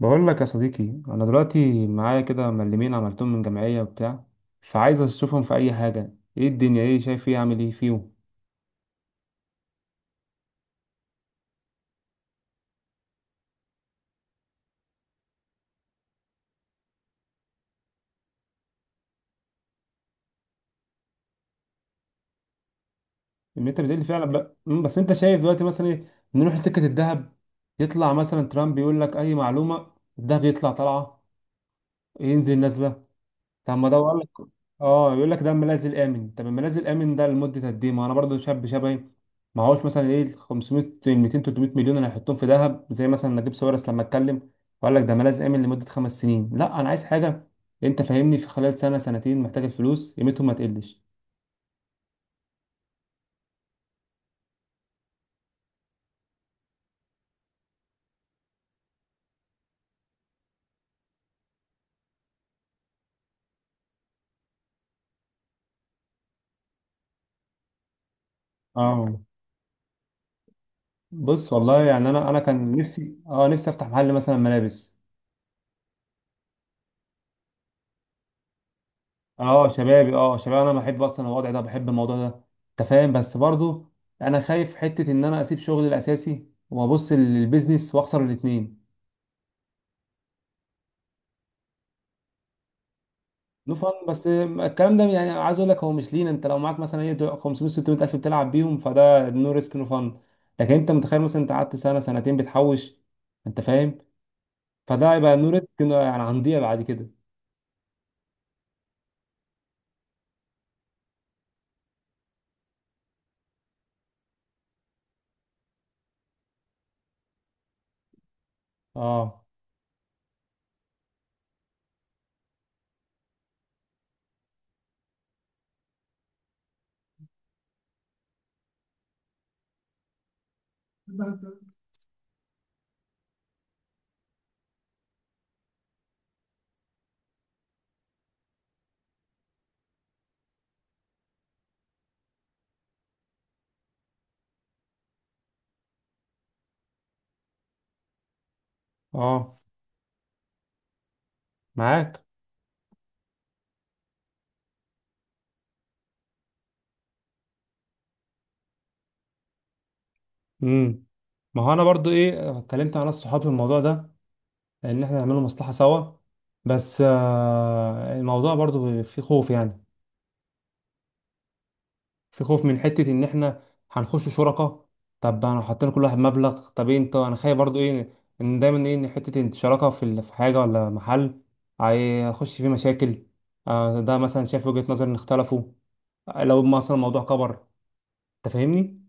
بقول لك يا صديقي، انا دلوقتي معايا كده ملمين عملتهم من جمعيه وبتاع، فعايز اشوفهم في اي حاجه. ايه الدنيا؟ ايه شايف؟ ايه اعمل ايه فيهم؟ انت بتقول لي فعلا بقى، بس انت شايف دلوقتي مثلا ايه؟ نروح لسكه الذهب، يطلع مثلا ترامب يقول لك اي معلومه، الذهب يطلع طالعه، ينزل نازله. طب ما ده بقول لك. اه يقول لك ده الملاذ الامن. طب الملاذ الامن ده لمده قد ايه؟ ما انا برضو شاب شبهي، ما هوش مثلا ال 500 ال 200 300 مليون اللي هيحطهم في ذهب زي مثلا نجيب ساويرس لما اتكلم وقال لك ده ملاذ امن لمده 5 سنين. لا انا عايز حاجه، انت فاهمني، في خلال سنه سنتين محتاج الفلوس قيمتهم ما تقلش. اه، بص والله، يعني انا كان نفسي، نفسي افتح محل مثلا ملابس. اه شبابي، شبابي، انا بحب اصلا الوضع ده، بحب الموضوع ده. انت فاهم؟ بس برضو انا خايف حته ان انا اسيب شغلي الاساسي وابص للبيزنس واخسر الاثنين. نو فن، بس الكلام ده يعني، عايز اقول لك هو مش لينا. انت لو معاك مثلا 500 600 الف بتلعب بيهم فده نو ريسك نو فن. لكن انت متخيل مثلا انت قعدت سنه سنتين بتحوش، انت فاهم؟ فده يبقى نو ريسك، يعني هنضيع بعد كده. اه، اه، معاك. امم ما هو انا برضو اتكلمت مع ناس صحابي في الموضوع ده، ان احنا نعمله مصلحة سوا. بس الموضوع برضو في خوف يعني، في خوف من حتة ان احنا هنخش شركة. طب انا حطينا كل واحد مبلغ، طب انت، انا خايف برضو ان دايما ان حتة إن شراكة في حاجة ولا محل هيخش فيه مشاكل. ده مثلا شايف وجهة نظر ان اختلفوا، لو مثلا الموضوع كبر، انت فاهمني؟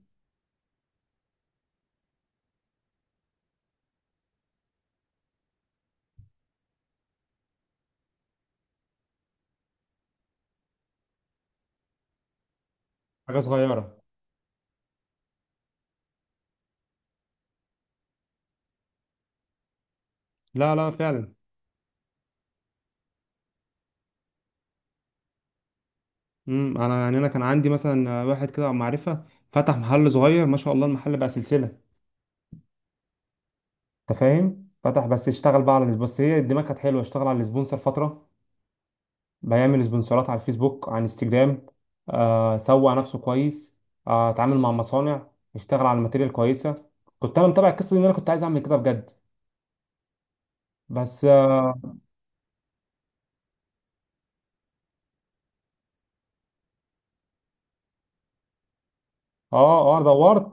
حاجة صغيرة. لا، لا، فعلا. انا يعني، انا كان عندي مثلا واحد كده معرفة، فتح محل صغير، ما شاء الله، المحل بقى سلسلة. انت فاهم؟ فتح بس، اشتغل بقى على، بس هي الدماغ كانت حلوه، اشتغل على السبونسر فتره، بيعمل سبونسرات على الفيسبوك، على انستجرام. آه، سوق نفسه كويس، آه، اتعامل مع مصانع، اشتغل على الماتيريال كويسه. كنت انا متابع القصه دي، ان انا كنت عايز اعمل كده بجد، بس اه، اه، دورت.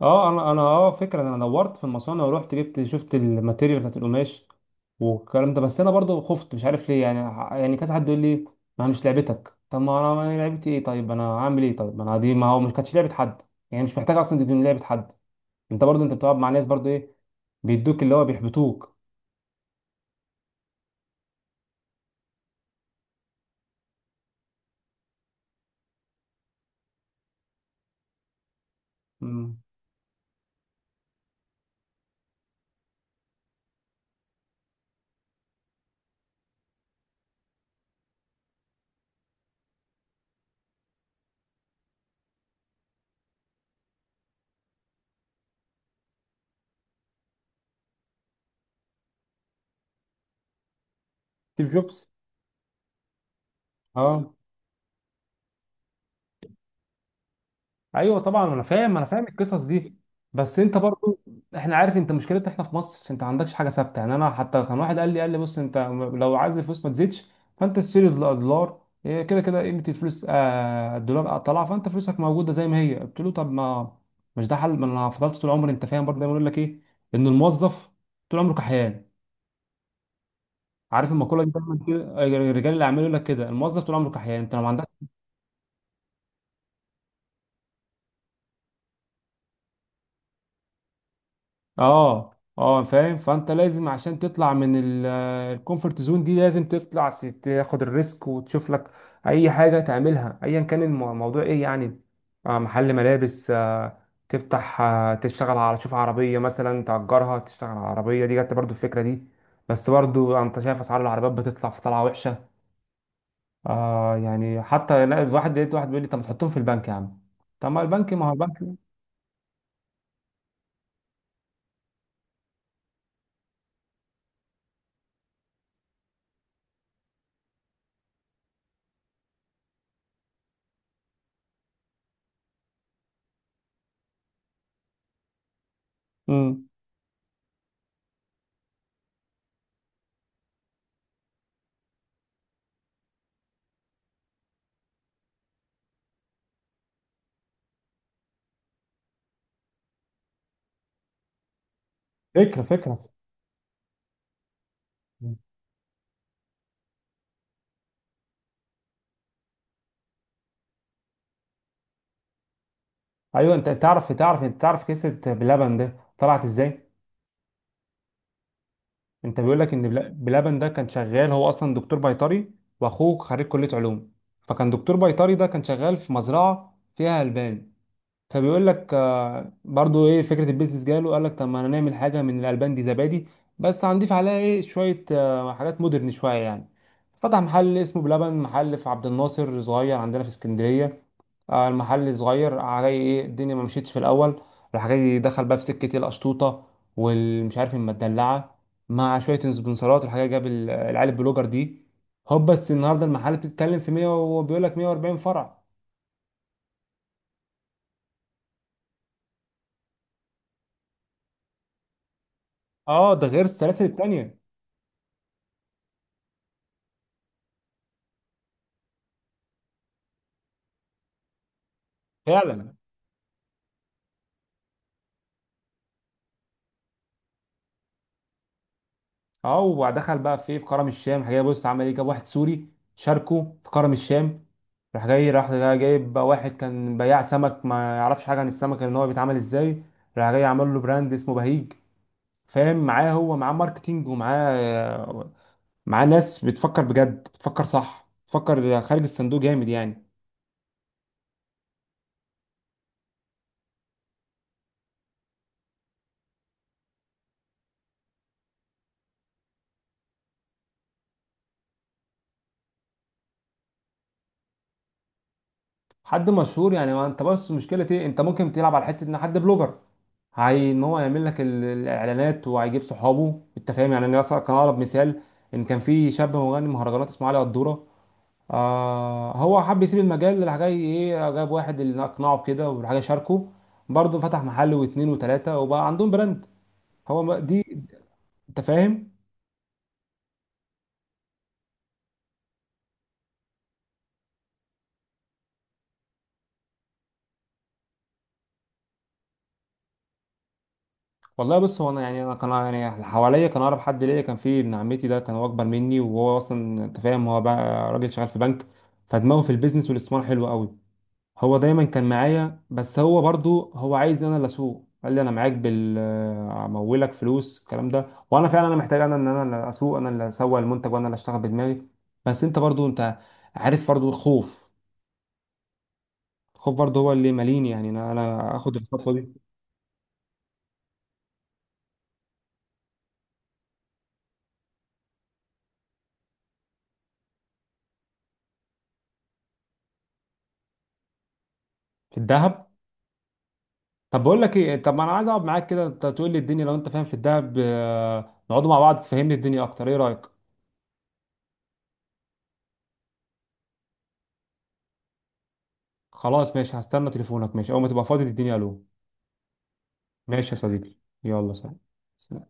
اه انا فكره، انا دورت في المصانع ورحت جبت، شفت الماتيريال بتاعت القماش والكلام ده. بس انا برضو خفت، مش عارف ليه يعني، يعني كذا حد يقول لي ما مش لعبتك. طب ما انا، ما هي لعبتي ايه؟ طيب انا هعمل ايه؟ طيب ما انا دي، ما هو مش كانتش لعبه حد يعني، مش محتاج اصلا تكون لعبه حد. انت برضو انت بتقعد مع ناس برضو بيدوك اللي هو بيحبطوك. مم. ستيف جوبز. اه، ايوه طبعا، انا فاهم، انا فاهم القصص دي. بس انت برضو، احنا عارف انت مشكلتنا احنا في مصر، انت ما عندكش حاجه ثابته يعني. انا حتى كان واحد قال لي بص انت لو عايز الفلوس ما تزيدش فانت تشتري دولار. كده كده قيمه الفلوس، آه، الدولار طلع فانت فلوسك موجوده زي ما هي. قلت له طب ما مش ده حل، ما انا فضلت طول عمري. انت فاهم؟ برضه دايما يقول لك ان الموظف طول عمره كحيان، عارف المقوله دي دايما كده؟ رجال الاعمال يقول لك كده، الموظف طول عمره كحيان انت لو ما عندكش. اه، اه، فاهم. فانت لازم عشان تطلع من الكومفورت زون دي، لازم تطلع، تاخد الريسك وتشوف لك اي حاجه تعملها، ايا كان الموضوع ايه يعني. آه، محل ملابس، آه، تفتح، آه، تشتغل على، تشوف عربيه مثلا تأجرها، تشتغل على عربيه، دي جت برضو الفكره دي. بس برضو انت شايف اسعار العربيات بتطلع في طلعه وحشه. آه، يعني حتى لا، الواحد لقيت واحد بيقول لي طب ما تحطهم في البنك يا عم. طب ما البنك، ما هو البنك. مم. فكره، فكره. ايوه، انت تعرف، تعرف، انت تعرف قصه بلبن ده طلعت ازاي؟ انت بيقول لك ان بلبن ده كان شغال، هو اصلا دكتور بيطري، واخوه خريج كليه علوم. فكان دكتور بيطري ده كان شغال في مزرعه فيها البان. فبيقول لك، آه، برضو فكره البيزنس جاله، قال لك طب ما انا نعمل حاجه من الالبان دي زبادي، بس هنضيف عليها شويه، آه، حاجات مودرن شويه يعني. فتح محل اسمه بلبن، محل في عبد الناصر صغير، عندنا في اسكندريه. آه، المحل صغير علي الدنيا، ما مشيتش في الاول. راح جاي دخل بقى في سكه القشطوطه والمش عارف المدلعه، مع شويه سبونسرات، الحاجه، جاب العيال البلوجر دي. هوب، بس النهارده المحل بتتكلم في 100 وبيقول لك 140 فرع. اه، ده غير السلاسل التانيه. فعلا، اه، ودخل بقى في في كرم الشام. راح جاي، بص عمل ايه، جاب واحد سوري شاركه في كرم الشام. راح جاي جايب بقى واحد كان بياع سمك ما يعرفش حاجه عن السمك ان هو بيتعمل ازاي. راح جاي عمل له براند اسمه بهيج. فاهم؟ معاه، هو معاه ماركتينج ومعاه، معاه ناس بتفكر بجد، بتفكر صح، بتفكر خارج الصندوق جامد يعني. حد مشهور يعني؟ ما انت بس مشكله انت ممكن تلعب على حته ان حد بلوجر، هي ان هو يعمل لك الاعلانات وهيجيب صحابه. انت فاهم يعني؟ انا مثلا كان اقرب مثال، ان كان في شاب مغني مهرجانات اسمه علي قدوره. آه، هو حب يسيب المجال، راح جاي جاب واحد اللي اقنعه بكده، وراح جاي شاركه، برضه فتح محل واتنين وتلاته وبقى عندهم براند. هو دي. انت فاهم؟ والله، بص، هو انا يعني، انا كان يعني اللي حواليا كان اقرب حد ليا كان في ابن عمتي ده. كان هو اكبر مني، وهو اصلا، انت فاهم، هو بقى راجل شغال في بنك، فدماغه في البيزنس والاستثمار حلو قوي. هو دايما كان معايا، بس هو برضو هو عايز ان انا اللي اسوق. قال لي انا معاك بال، امولك فلوس الكلام ده. وانا فعلا انا محتاج، انا ان انا اللي اسوق، انا اللي اسوق المنتج، وانا اللي اشتغل بدماغي. بس انت برضو انت عارف برضو الخوف، الخوف برضو هو اللي ماليني يعني انا اخد الخطوه دي. في الذهب. طب بقول لك ايه، طب ما انا عايز اقعد معاك كده، انت تقول لي الدنيا لو انت فاهم في الذهب، آه، نقعدوا مع بعض تفهمني الدنيا اكتر، ايه رايك؟ خلاص ماشي، هستنى تليفونك. ماشي، اول ما تبقى فاضي تديني الو. ماشي يا صديقي، يلا سلام.